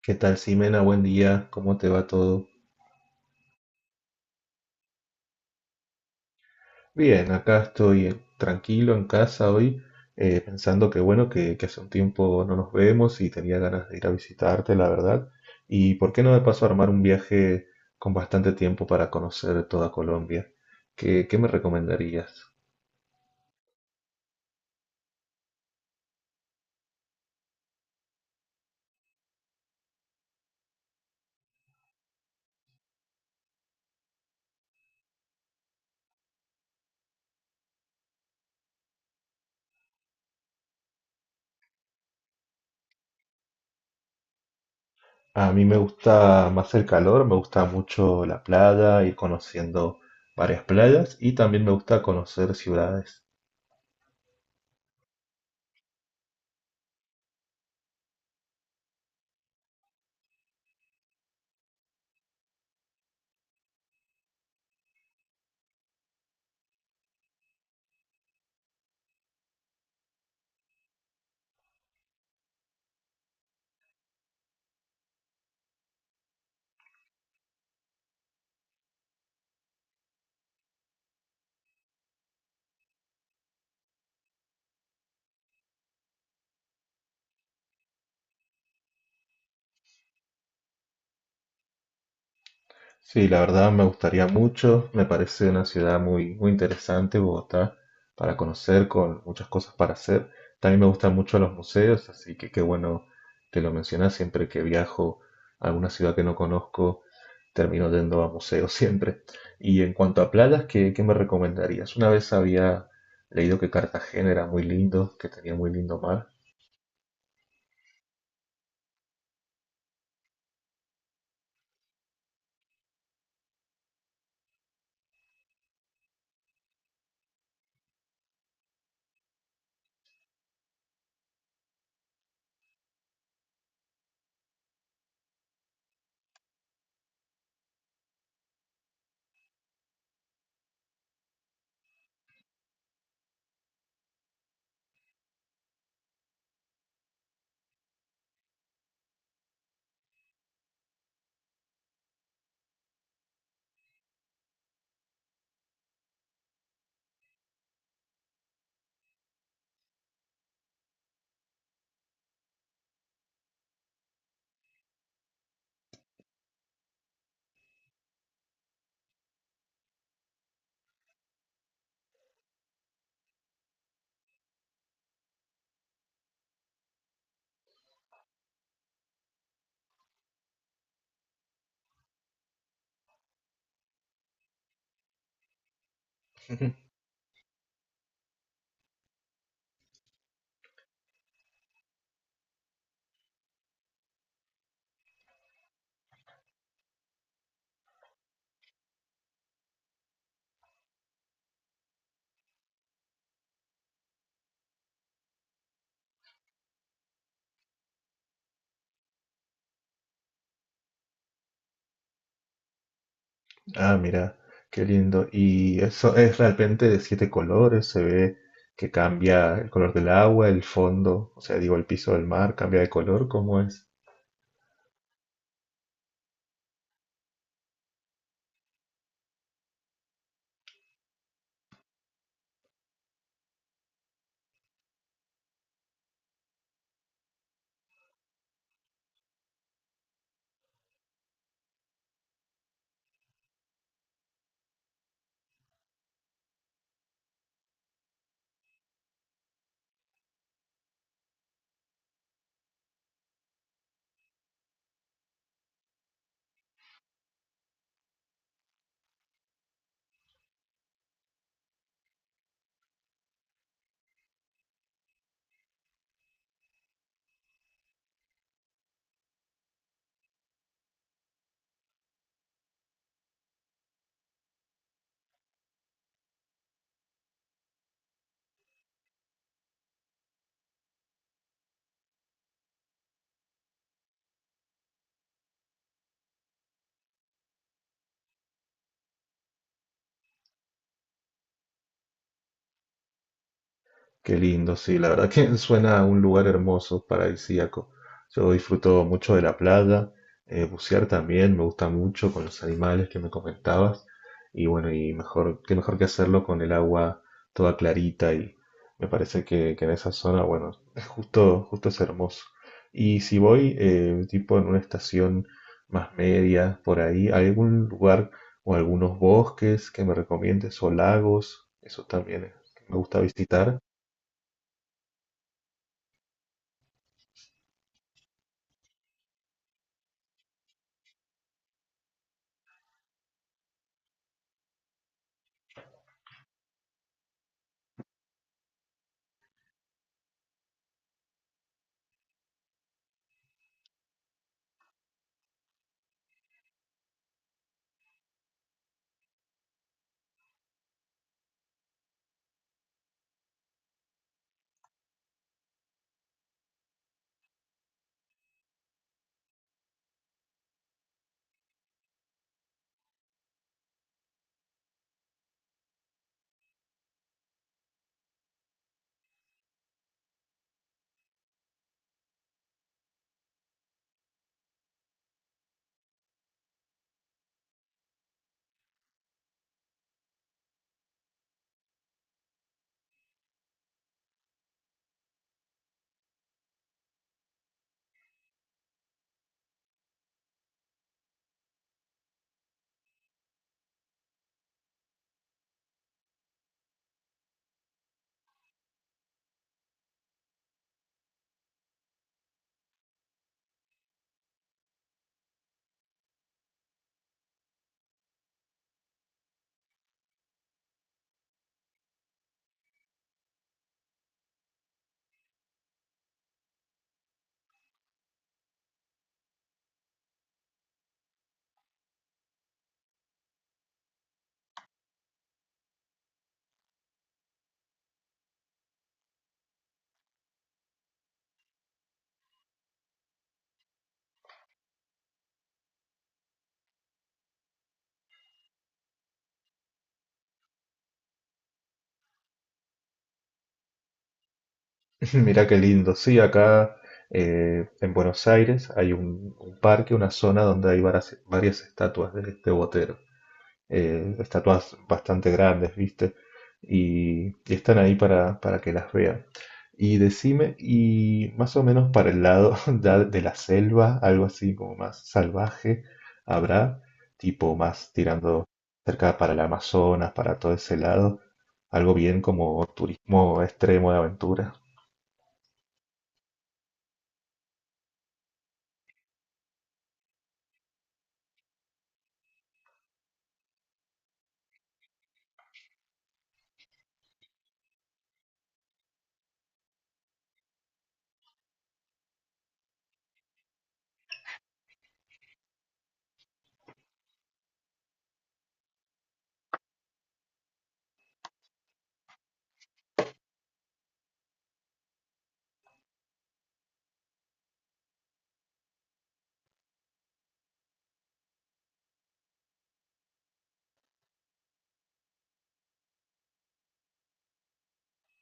¿Qué tal, Simena? Buen día, ¿cómo te va todo? Bien, acá estoy tranquilo en casa hoy. Eh, pensando que hace un tiempo no nos vemos y tenía ganas de ir a visitarte, la verdad. Y por qué no me paso a armar un viaje con bastante tiempo para conocer toda Colombia. ¿Qué me recomendarías? A mí me gusta más el calor, me gusta mucho la playa, ir conociendo varias playas y también me gusta conocer ciudades. Sí, la verdad me gustaría mucho, me parece una ciudad muy interesante, Bogotá, para conocer, con muchas cosas para hacer. También me gustan mucho los museos, así que qué bueno que lo mencionas. Siempre que viajo a alguna ciudad que no conozco, termino yendo a museos siempre. Y en cuanto a playas, ¿qué me recomendarías? Una vez había leído que Cartagena era muy lindo, que tenía muy lindo mar. Ah, mira, qué lindo. ¿Y eso es realmente de siete colores? Se ve que cambia el color del agua, el fondo, o sea, digo, el piso del mar cambia de color, ¿cómo es? Qué lindo. Sí, la verdad que suena a un lugar hermoso, paradisíaco. Yo disfruto mucho de la playa, bucear también, me gusta mucho, con los animales que me comentabas. Y bueno, y mejor, qué mejor que hacerlo con el agua toda clarita. Y me parece que en esa zona, bueno, es justo, justo es hermoso. Y si voy, tipo en una estación más media, por ahí, ¿hay algún lugar o algunos bosques que me recomiendes o lagos? Eso también me gusta visitar. Mirá qué lindo. Sí, acá en Buenos Aires hay un parque, una zona donde hay varias estatuas de este Botero. Estatuas bastante grandes, ¿viste? Y están ahí para que las vean. Y decime, y más o menos para el lado ya de la selva, algo así como más salvaje, habrá tipo más tirando cerca para el Amazonas, para todo ese lado, algo bien como turismo extremo de aventura.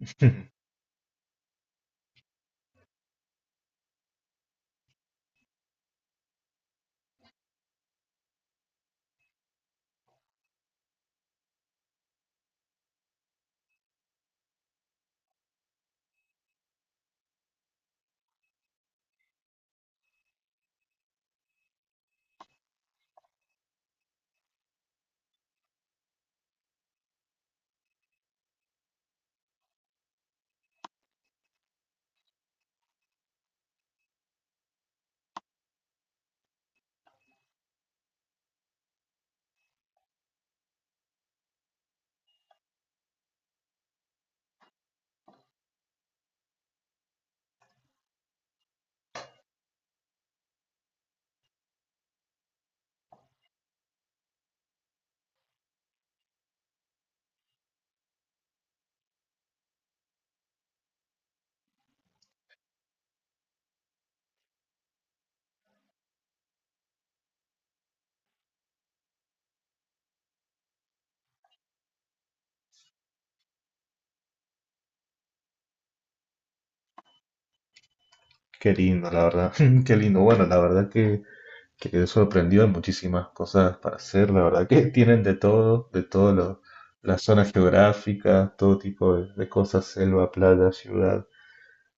Qué lindo, la verdad. Qué lindo. Bueno, la verdad que quedé sorprendido. Hay muchísimas cosas para hacer. La verdad que tienen de todo, de todas las zonas geográficas, todo tipo de cosas, selva, playa, ciudad.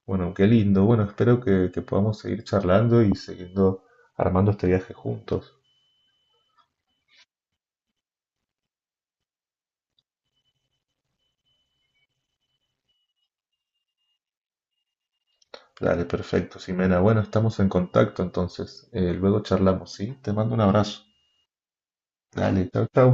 Bueno, qué lindo. Bueno, espero que podamos seguir charlando y siguiendo armando este viaje juntos. Dale, perfecto, Ximena. Bueno, estamos en contacto entonces. Luego charlamos, ¿sí? Te mando un abrazo. Dale, chau, chau.